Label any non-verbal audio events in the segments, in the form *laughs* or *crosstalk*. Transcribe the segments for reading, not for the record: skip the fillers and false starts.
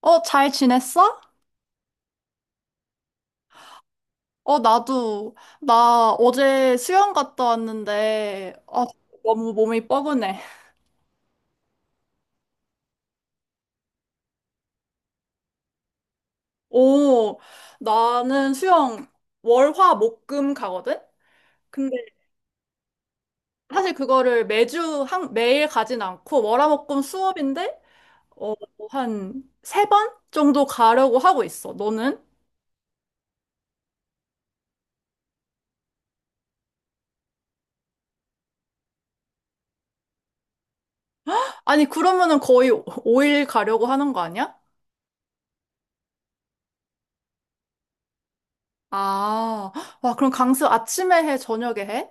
어, 잘 지냈어? 어, 나도. 나 어제 수영 갔다 왔는데, 너무 몸이 뻐근해. 오, 나는 수영 월, 화, 목, 금 가거든? 근데 사실 그거를 매주, 한, 매일 가진 않고, 월, 화, 목, 금 수업인데, 어, 한 세 번 정도 가려고 하고 있어. 너는? 아니, 그러면은 거의 오일 가려고 하는 거 아니야? 아, 와, 그럼 강습 아침에 해, 저녁에 해?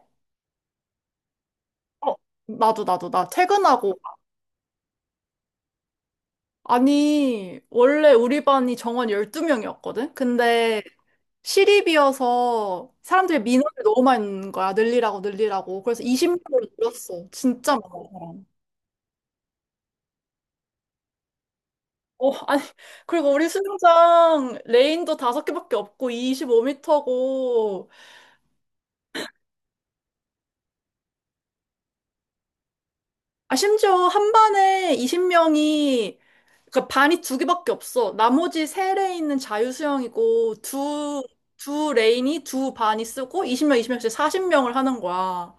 어, 나도, 나 퇴근하고 아니, 원래 우리 반이 정원 12명이었거든? 근데 시립이어서 사람들이 민원을 너무 많이 넣는 거야. 늘리라고, 늘리라고. 그래서 20명으로 늘었어. 진짜 많아, 사람. 어, 아니, 그리고 우리 수영장 레인도 다섯 개밖에 없고 25m고 아, 심지어 한 반에 20명이 그러니까 반이 두 개밖에 없어. 나머지 세 레인은 자유수영이고 두 레인이 두 반이 쓰고 20명, 20명씩 40명을 하는 거야.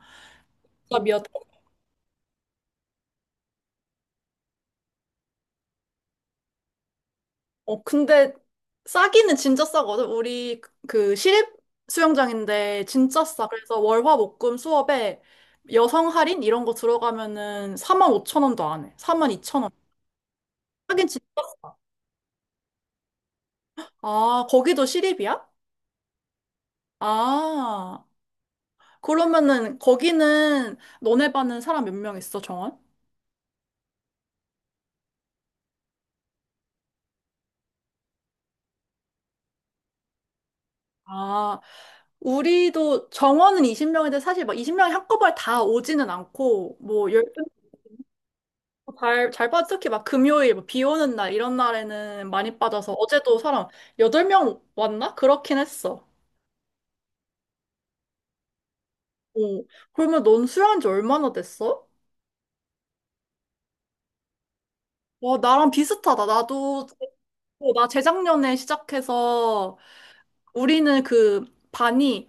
이야 어, 근데 싸기는 진짜 싸거든. 우리 그 시립 수영장인데 진짜 싸. 그래서 월화목금 수업에 여성 할인 이런 거 들어가면은 4만 5천 원도 안 해. 4만 2천 원. 하긴 진짜. 아, 거기도 시립이야? 아, 그러면은 거기는 너네 반은 사람 몇 명 있어, 정원? 아, 우리도 정원은 20명인데 사실 막 20명이 한꺼번에 다 오지는 않고 뭐 잘, 잘 빠져. 특히 막 금요일, 뭐비 오는 날, 이런 날에는 많이 빠져서 어제도 사람 8명 왔나? 그렇긴 했어. 어. 그러면 넌 수영한 지 얼마나 됐어? 와, 나랑 비슷하다. 나도. 나 재작년에 시작해서 우리는 그 반이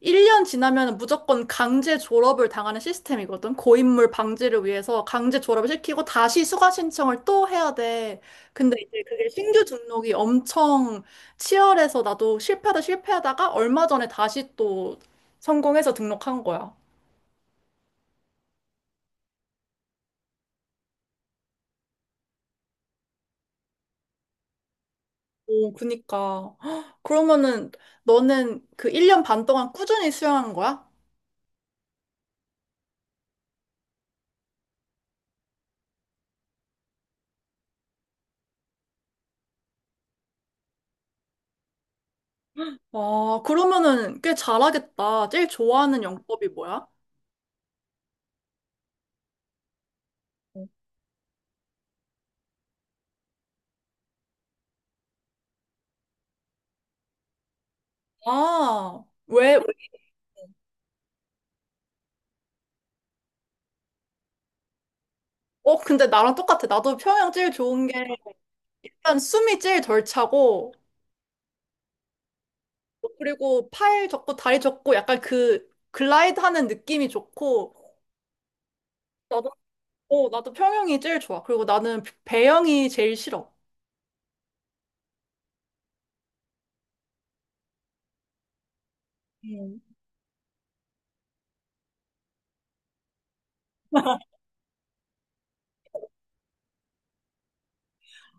1년 지나면 무조건 강제 졸업을 당하는 시스템이거든. 고인물 방지를 위해서 강제 졸업을 시키고 다시 수강 신청을 또 해야 돼. 근데 이제 그게 신규 등록이 엄청 치열해서 나도 실패하다 실패하다가 얼마 전에 다시 또 성공해서 등록한 거야. 오, 그니까. *gasps* 헉, 그러면은 너는 그 1년 반 동안 꾸준히 수영한 거야? 와, 그러면은 꽤 잘하겠다. 제일 좋아하는 영법이 뭐야? 아, 왜? 왜 어, 근데 나랑 똑같아. 나도 평양 제일 좋은 게 일단 숨이 제일 덜 차고, 그리고 팔 접고 다리 접고 약간 그 글라이드 하는 느낌이 좋고, 나도, 나도 평양이 제일 좋아. 그리고 나는 배영이 제일 싫어. 음.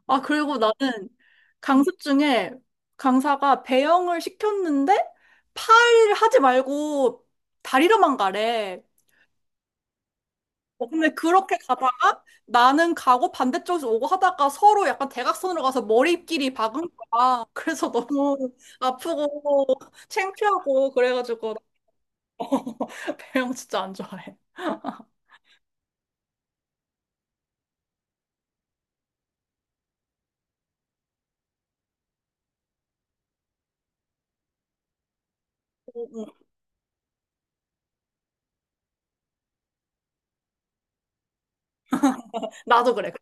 아, 그리고 나는 강습 중에 강사가 배영을 시켰는데 팔 하지 말고 다리로만 가래. 어, 근데 그렇게 가다가 나는 가고 반대쪽에서 오고 하다가 서로 약간 대각선으로 가서 머리끼리 박은 거야. *laughs* 그래서 너무 아프고 창피하고 그래가지고 *laughs* 배영 진짜 안 좋아해. 응, 응. 나도 그래.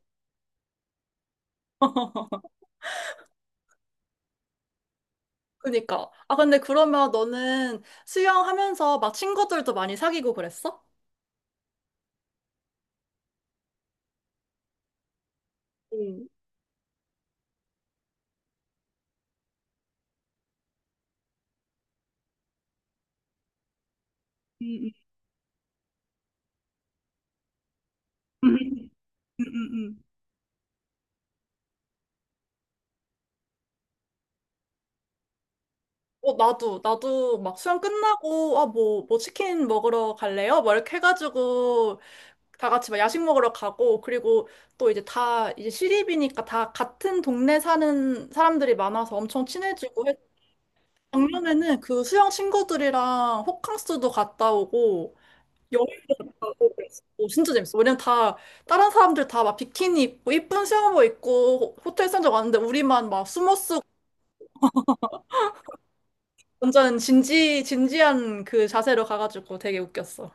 *laughs* 그니까. 아, 근데 그러면 너는 수영하면서 막 친구들도 많이 사귀고 그랬어? 응. 응응응응응. 어, 나도 막 수영 끝나고, 아, 뭐 치킨 먹으러 갈래요? 뭐 이렇게 해가지고 다 같이 막 야식 먹으러 가고 그리고 또 이제 다 이제 시립이니까 다 같은 동네 사는 사람들이 많아서 엄청 친해지고. 했 작년에는 그 수영 친구들이랑 호캉스도 갔다 오고 여행도 그랬어. 오, 진짜 재밌어. 왜냐면 다 다른 사람들 다 막 비키니 입고 이쁜 수영복 입고 호텔 산적 왔는데 우리만 막 숨어 쓰고 완전 진지 진지한 그 자세로 가가지고 되게 웃겼어.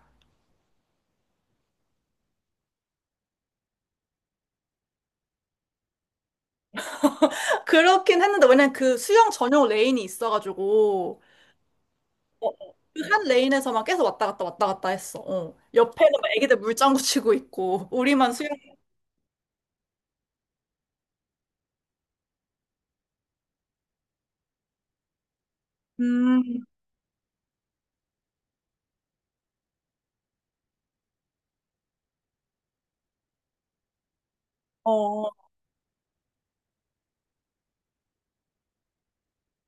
*laughs* 그렇긴 했는데 왜냐면 그 수영 전용 레인이 있어가지고 한 레인에서 막 계속 왔다 갔다 왔다 갔다 했어. 어. 옆에는 막 애기들 물장구 치고 있고 *laughs* 우리만 수영. 음, 어,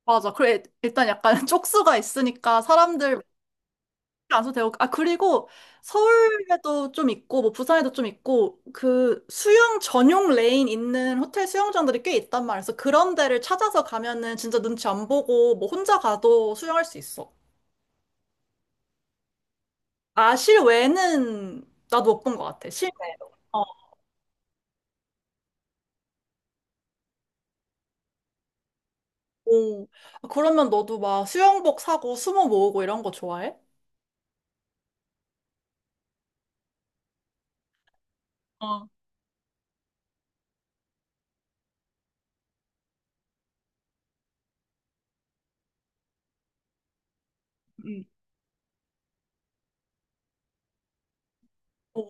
맞아. 그래 일단 약간 *laughs* 쪽수가 있으니까 사람들 안도 되고 아 그리고 서울에도 좀 있고 뭐 부산에도 좀 있고 그 수영 전용 레인 있는 호텔 수영장들이 꽤 있단 말이야. 그래서 그런 데를 찾아서 가면은 진짜 눈치 안 보고 뭐 혼자 가도 수영할 수 있어. 아 실외는 나도 못 본 것 같아. 실외. 오. 아, 그러면 너도 막 수영복 사고 수모 모으고 이런 거 좋아해? 어, 응. 어,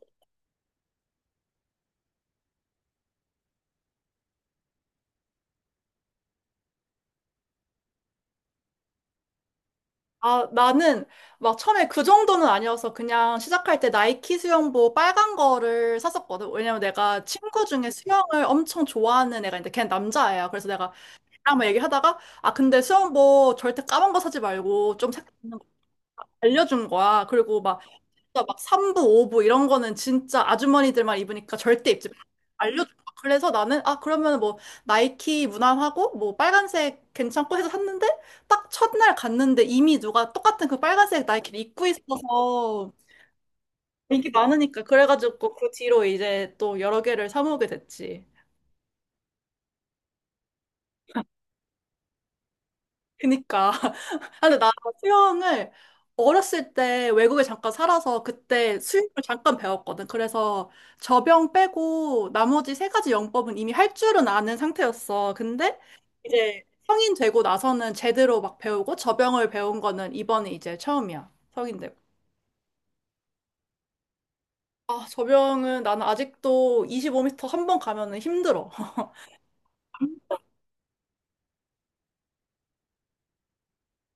아, 나는 막 처음에 그 정도는 아니어서 그냥 시작할 때 나이키 수영복 빨간 거를 샀었거든. 왜냐면 내가 친구 중에 수영을 엄청 좋아하는 애가 있는데 걔는 남자애야. 그래서 내가 걔랑 막 얘기하다가 아, 근데 수영복 절대 까만 거 사지 말고 좀 색깔 있는 거 알려준 거야. 그리고 막 진짜 막 3부, 5부 이런 거는 진짜 아주머니들만 입으니까 절대 입지 마. 알려줘. 그래서 나는 아 그러면 뭐 나이키 무난하고 뭐 빨간색 괜찮고 해서 샀는데 딱 첫날 갔는데 이미 누가 똑같은 그 빨간색 나이키를 입고 있어서 인기 많으니까 그래가지고 그 뒤로 이제 또 여러 개를 사 모으게 됐지. 그니까 아, 근데 나 수영을 어렸을 때 외국에 잠깐 살아서 그때 수영을 잠깐 배웠거든. 그래서 저병 빼고 나머지 세 가지 영법은 이미 할 줄은 아는 상태였어. 근데 이제 성인 되고 나서는 제대로 막 배우고 저병을 배운 거는 이번이 이제 처음이야. 성인 되고. 아, 저병은 나는 아직도 25m 한 번 가면은 힘들어. *laughs*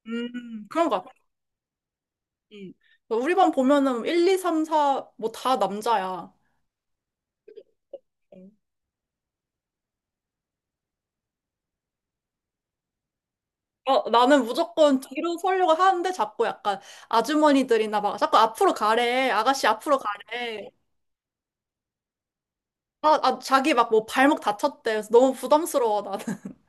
그런 것 같아. 음. 우리 반 보면은 1, 2, 3, 4, 뭐 다 남자야. 나는 무조건 뒤로 서려고 하는데 자꾸 약간 아주머니들이나 막 자꾸 앞으로 가래. 아가씨 앞으로 가래. 아, 아, 자기 막 뭐 발목 다쳤대. 그래서 너무 부담스러워, 나는. *laughs*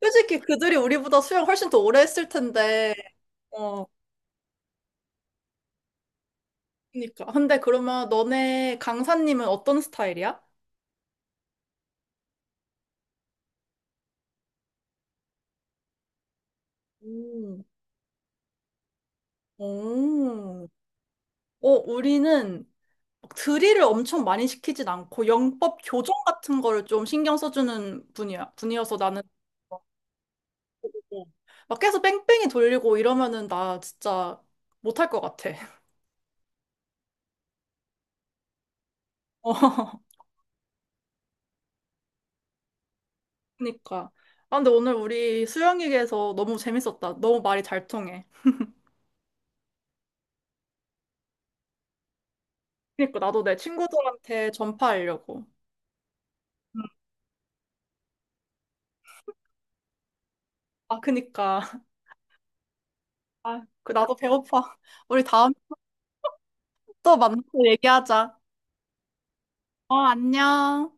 솔직히 그들이 우리보다 수영 훨씬 더 오래 했을 텐데. 어, 그니까. 근데 그러면 너네 강사님은 어떤 스타일이야? 음. 오. 어, 우리는 막 드릴을 엄청 많이 시키진 않고 영법 교정 같은 거를 좀 신경 써주는 분이야. 분이어서 나는 어. 막 계속 뺑뺑이 돌리고 이러면은 나 진짜 못할 것 같아. *laughs* 어, 그니까. 아, 근데 오늘 우리 수영 얘기해서 너무 재밌었다. 너무 말이 잘 통해. 그니까 나도 내 친구들한테 전파하려고. 음. 아, 그니까. *laughs* 아, 그 나도 배고파. 우리 다음에 또 만나서 얘기하자. 어, 안녕.